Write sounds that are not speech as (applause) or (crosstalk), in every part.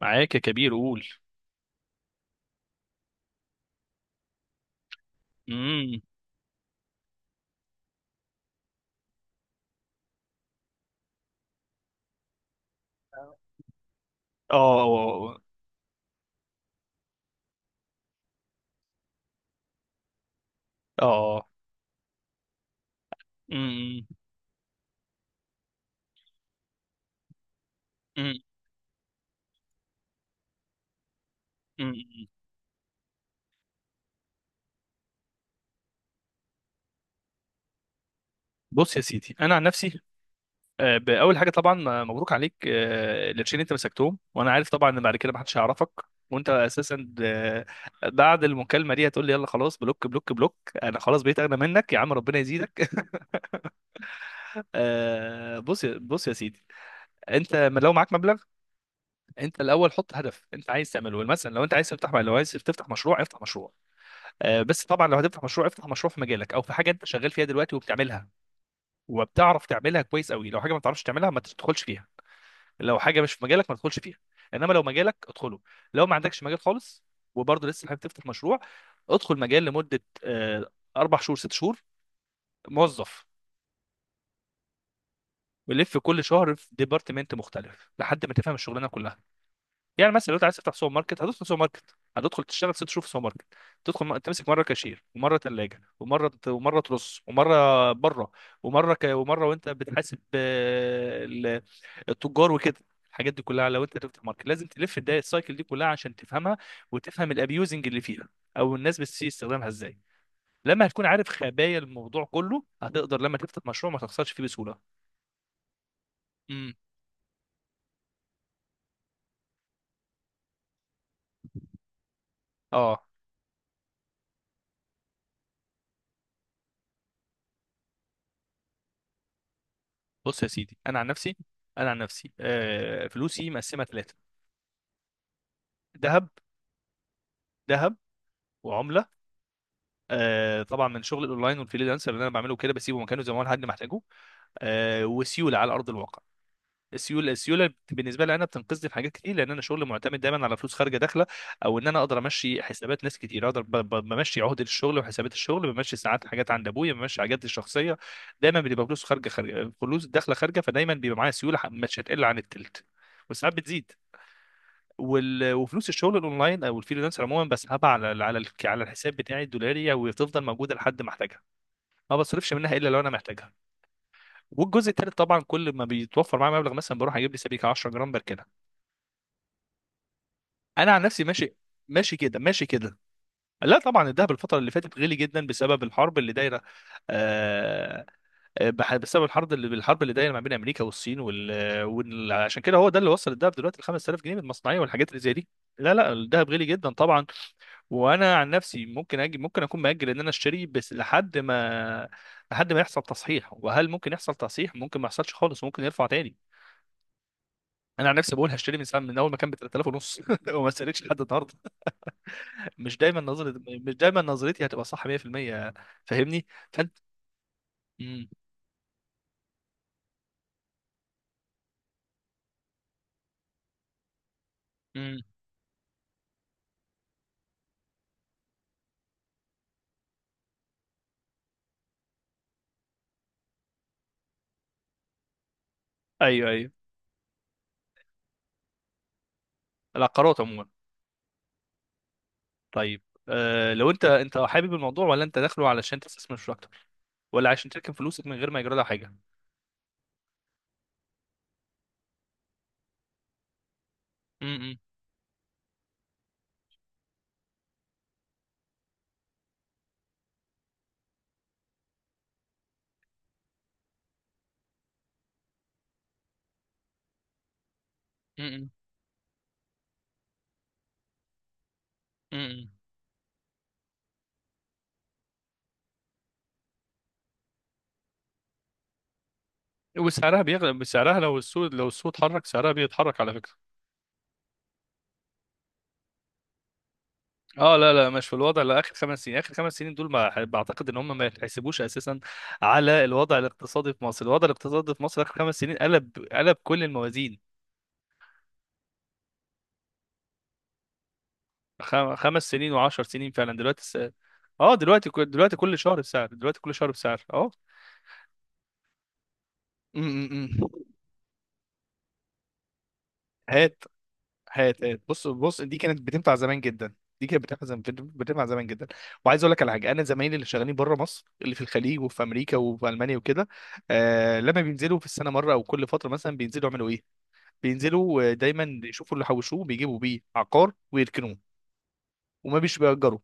معاك يا كبير، قول. امم. اه، اه. آه. امم. أمم. أمم. بص يا سيدي، انا عن نفسي باول حاجه طبعا مبروك عليك القرشين اللي انت مسكتهم. وانا عارف طبعا ان بعد كده محدش هيعرفك وانت اساسا بعد المكالمه دي هتقول لي يلا خلاص بلوك بلوك بلوك. انا خلاص بقيت اغنى منك يا عم، ربنا يزيدك. (laughs) بص يا سيدي، انت لو معاك مبلغ، انت الاول حط هدف انت عايز تعمله. مثلا لو انت عايز تفتح، لو عايز تفتح مشروع افتح مشروع. بس طبعا لو هتفتح مشروع، افتح مشروع في مجالك او في حاجه انت شغال فيها دلوقتي وبتعملها وبتعرف تعملها كويس قوي. لو حاجه ما بتعرفش تعملها ما تدخلش فيها. لو حاجه مش في مجالك ما تدخلش فيها، انما لو مجالك ادخله. لو ما عندكش مجال خالص وبرضه لسه حابب تفتح مشروع، ادخل مجال لمده اربع شهور، ست شهور، موظف. ولف كل شهر في ديبارتمنت مختلف لحد ما تفهم الشغلانه كلها. يعني مثلا لو انت عايز تفتح سوبر ماركت، هتدخل سوبر ماركت، هتدخل تشتغل ست شهور في سوبر ماركت. تدخل تمسك مره كاشير ومره ثلاجه ومره ترص ومره بره ومره وانت بتحاسب التجار وكده. الحاجات دي كلها لو انت تفتح ماركت لازم تلف الداية السايكل دي كلها عشان تفهمها، وتفهم الابيوزنج اللي فيها، او الناس بتسيء استخدامها ازاي. لما هتكون عارف خبايا الموضوع كله هتقدر لما تفتح مشروع ما تخسرش فيه بسهوله. امم. اه. بص يا سيدي، انا عن نفسي، انا عن نفسي فلوسي مقسمه ثلاثه: ذهب، ذهب وعمله. طبعا من شغل الاونلاين والفريلانسر اللي انا بعمله كده بسيبه مكانه زي ما هو لحد ما احتاجه. وسيوله على ارض الواقع. السيوله بالنسبه لي انا بتنقذني في حاجات كتير، لان انا شغل معتمد دايما على فلوس خارجه داخله. او ان انا اقدر امشي حسابات ناس كتير، اقدر بمشي عهده الشغل وحسابات الشغل، بمشي ساعات حاجات عند ابويا، بمشي حاجات الشخصيه. دايما بتبقى فلوس خارجه، خارجه فلوس داخله خارجه، فدايما بيبقى معايا سيوله مش هتقل عن التلت، وساعات بتزيد. وفلوس الشغل الاونلاين او الفريلانسر عموما بسحبها على الحساب بتاعي الدولاري وتفضل موجوده لحد ما احتاجها. ما بصرفش منها الا لو انا محتاجها. والجزء الثالث طبعا كل ما بيتوفر معايا مبلغ مثلا بروح اجيب لي سبيكه 10 جرام بركنها. انا عن نفسي ماشي. ماشي كده، ماشي كده. لا طبعا الدهب الفتره اللي فاتت غلي جدا بسبب الحرب اللي دايره. آه. بسبب الحرب اللي دايره ما بين امريكا والصين عشان كده هو ده اللي وصل الدهب دلوقتي ل 5000 جنيه من المصنعيه والحاجات اللي زي دي. لا لا الدهب غلي جدا طبعا. وانا عن نفسي ممكن اجي، ممكن اكون مأجل ان انا اشتري بس لحد ما، يحصل تصحيح. وهل ممكن يحصل تصحيح؟ ممكن ما يحصلش خالص، وممكن يرفع تاني. انا عن نفسي بقول هشتري من ساعه، من اول ما كان ب 3000 ونص (laughs) وما استنيتش لحد النهارده. مش دايما نظرتي هتبقى صح 100%. فاهمني؟ فانت، امم، امم، ايوه، ايوه. العقارات عموما، طيب. أه لو انت، انت حابب الموضوع، ولا انت داخله علشان تستثمر مش اكتر، ولا عشان تركن فلوسك من غير ما يجرى لها حاجه؟ امم. امم. امم. وسعرها بيغلب، سعرها لو السوق، اتحرك سعرها بيتحرك على فكره. اه لا لا مش في الوضع، لا، اخر خمس سنين، دول ما بعتقد ان هم ما يتحسبوش اساسا على الوضع الاقتصادي في مصر. الوضع الاقتصادي في مصر اخر خمس سنين قلب، كل الموازين. خمس سنين وعشر سنين فعلا دلوقتي اه دلوقتي دلوقتي كل شهر بسعر، اه. م- م- م. هات. بص دي كانت بتنفع زمان جدا. دي كانت بتنفع زمان، بتنفع زمان جدا. وعايز اقول لك على حاجه، انا زمايلي اللي شغالين بره مصر، اللي في الخليج وفي امريكا وفي المانيا وكده، لما بينزلوا في السنه مره او كل فتره مثلا، بينزلوا يعملوا ايه؟ بينزلوا دايما يشوفوا اللي حوشوه بيجيبوا بيه عقار ويركنوه. وما بيش بيأجروا،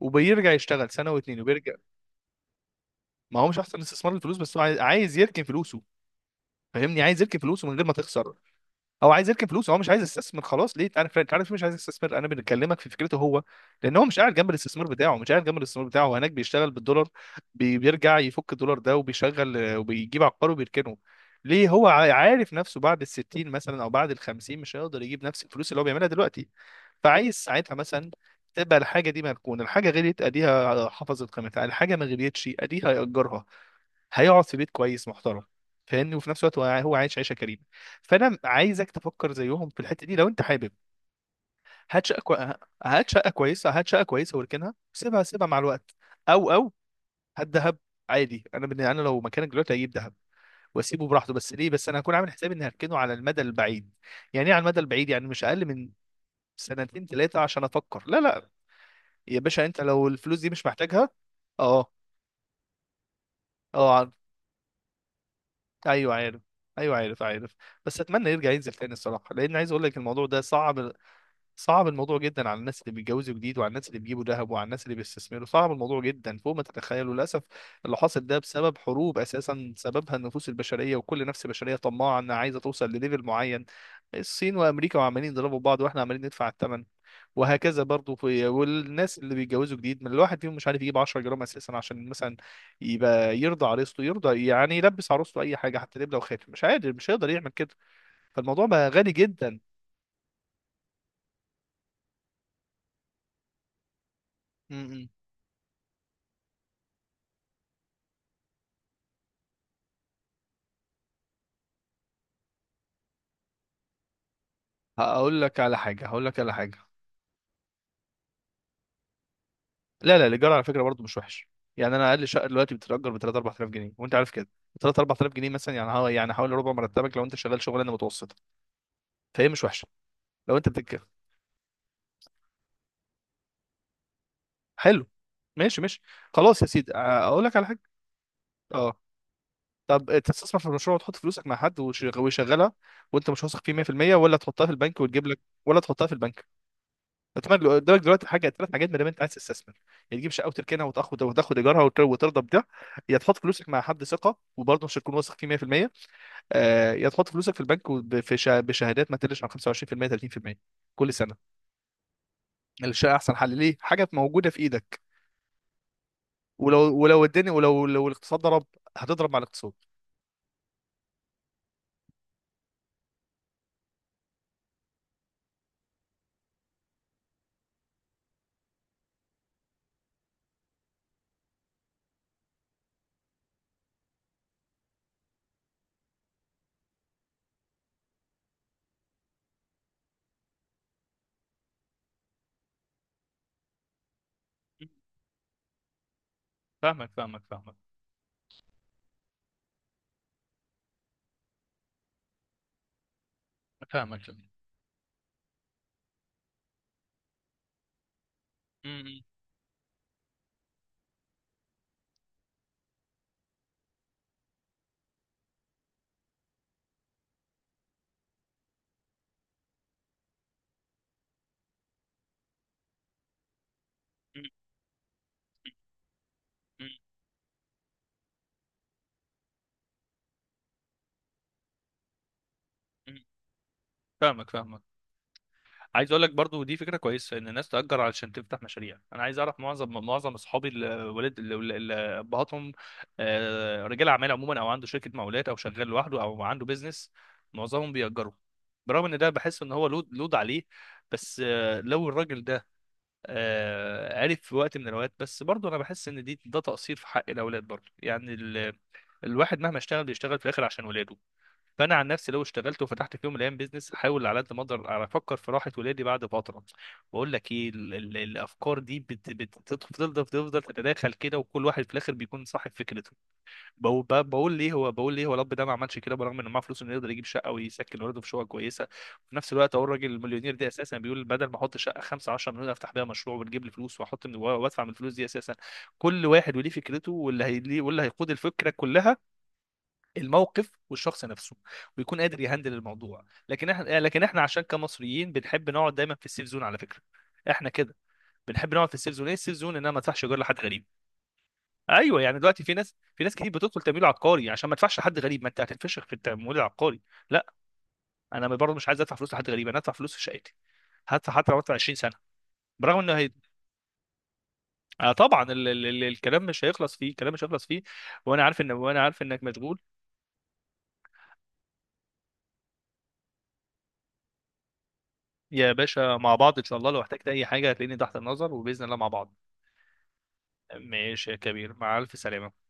وبيرجع يشتغل سنه واتنين وبيرجع. ما هو مش احسن استثمار الفلوس، بس هو عايز، عايز يركن فلوسه. فاهمني؟ عايز يركن فلوسه من غير ما تخسر. هو عايز يركن فلوس، هو مش عايز يستثمر، خلاص. ليه انا، انت عارف ليه مش عايز يستثمر؟ انا بنكلمك في فكرته هو. لان هو مش قاعد جنب الاستثمار بتاعه، مش قاعد جنب الاستثمار بتاعه هو هناك بيشتغل بالدولار. بيرجع يفك الدولار ده وبيشغل، وبيجيب عقار وبيركنه. ليه؟ هو عارف نفسه بعد الستين مثلا او بعد الخمسين مش هيقدر يجيب نفس الفلوس اللي هو بيعملها دلوقتي، فعايز ساعتها مثلا تبقى الحاجه دي مركونه. الحاجه غليت اديها حفظت قيمتها، الحاجه ما غليتش اديها ياجرها، هيقعد في بيت كويس محترم. فاهمني؟ وفي نفس الوقت هو عايش عيشه كريمه. فانا عايزك تفكر زيهم في الحته دي لو انت حابب. هات شقه كوي... هات شقه كويسه، واركنها، سيبها، مع الوقت. او او هات دهب عادي. انا لو مكانك دلوقتي هجيب دهب واسيبه براحته. بس ليه؟ بس انا هكون عامل حسابي اني هركنه على المدى البعيد. يعني ايه على المدى البعيد؟ يعني مش اقل من سنتين ثلاثه عشان افكر، لا لا. يا باشا انت لو الفلوس دي مش محتاجها. اه. اه، ايوه عارف. ايوه عارف، عارف. بس اتمنى يرجع ينزل تاني الصراحه، لان عايز اقول لك الموضوع ده صعب. صعب الموضوع جدا على الناس اللي بيتجوزوا جديد، وعلى الناس اللي بيجيبوا ذهب، وعلى الناس اللي بيستثمروا. صعب الموضوع جدا فوق ما تتخيلوا للاسف. اللي حاصل ده بسبب حروب اساسا، سببها النفوس البشريه، وكل نفس بشريه طماعه انها عايزه توصل لليفل معين. الصين وامريكا وعمالين يضربوا بعض واحنا عمالين ندفع الثمن، وهكذا برضو. والناس اللي بيتجوزوا جديد من الواحد فيهم مش عارف يجيب 10 جرام اساسا عشان مثلا يبقى يرضى عروسته، يرضى يعني يلبس عروسته اي حاجه حتى لبله وخاتم، مش قادر، مش هيقدر يعمل كده. فالموضوع بقى غالي جدا. امم. هقول لك على حاجه. لا لا الايجار على فكره برضو مش وحش. يعني انا اقل شقه دلوقتي بتتاجر ب 3 4000 جنيه وانت عارف كده. 3 4000 جنيه مثلا يعني، هو يعني حوالي ربع مرتبك لو انت شغال شغلانه متوسطه. فهي مش وحشه. لو انت بتتكلم، حلو. ماشي، ماشي. خلاص يا سيدي، اقول لك على حاجه. اه. طب تستثمر في مشروع وتحط فلوسك مع حد ويشغلها وانت مش واثق فيه 100%، ولا تحطها في البنك وتجيب لك، ولا تحطها في البنك؟ قدامك دلوقتي حاجه، ثلاث حاجات ما دام انت عايز تستثمر. يا تجيب شقه وتركنها وتاخد ايجارها وترضى بده، يا تحط فلوسك مع حد ثقه وبرضه مش هتكون واثق فيه 100%، يا تحط فلوسك في البنك بشهادات ما تقلش عن 25% 30% كل سنه. الشقه احسن حل، ليه؟ حاجه موجوده في ايدك. ولو، الدنيا، ولو الاقتصاد ضرب، هتضرب مع الاقتصاد. فاهمك فاهمك. مم. مم. فاهمك. عايز اقول لك برضو، دي فكره كويسه ان الناس تاجر علشان تفتح مشاريع. انا عايز اعرف معظم، اصحابي الولاد، ابهاتهم رجال اعمال عموما او عنده شركه مقاولات او شغال لوحده او عنده بيزنس، معظمهم بيأجروا. برغم ان ده بحس ان هو لود، عليه، بس لو الراجل ده عرف في وقت من الاوقات. بس برضو انا بحس ان دي، ده تقصير في حق الاولاد برضو. يعني الواحد مهما اشتغل بيشتغل في الاخر عشان ولاده. فانا عن نفسي لو اشتغلت وفتحت في يوم من الايام بيزنس احاول على قد ما اقدر افكر في راحه ولادي بعد فتره. بقول لك ايه، ال ال الافكار دي بتفضل، تتداخل كده وكل واحد في الاخر بيكون صاحب فكرته. بقول، ليه هو، الاب ده ما عملش كده برغم انه معاه فلوس انه يقدر يجيب شقه ويسكن ولاده في شقه كويسه. وفي نفس الوقت اهو الراجل المليونير ده اساسا بيقول بدل ما احط شقه 5 10 مليون افتح بيها مشروع وتجيب لي فلوس، واحط من، وادفع من الفلوس دي اساسا. كل واحد وليه فكرته، واللي هي، واللي هيقود الفكره كلها الموقف والشخص نفسه، ويكون قادر يهندل الموضوع. لكن احنا، لكن احنا عشان كمصريين بنحب نقعد دايما في السيف زون على فكره. احنا كده بنحب نقعد في السيف زون. ايه السيف زون؟ انها ما تدفعش ايجار لحد غريب. ايوه يعني دلوقتي في ناس، كتير بتدخل تمويل عقاري عشان ما تدفعش لحد غريب. ما انت هتنفشخ في التمويل العقاري، لا. انا برضه مش عايز ادفع فلوس لحد غريب، انا هدفع فلوس في شقتي، هدفع حتى لو ادفع 20 سنه. برغم انه آه طبعا الكلام مش هيخلص فيه، وانا عارف ان، وانا عارف انك مشغول. يا باشا مع بعض ان شاء الله، لو احتجت اي حاجه هتلاقيني تحت النظر وباذن الله مع بعض. ماشي يا كبير، مع ألف سلامة.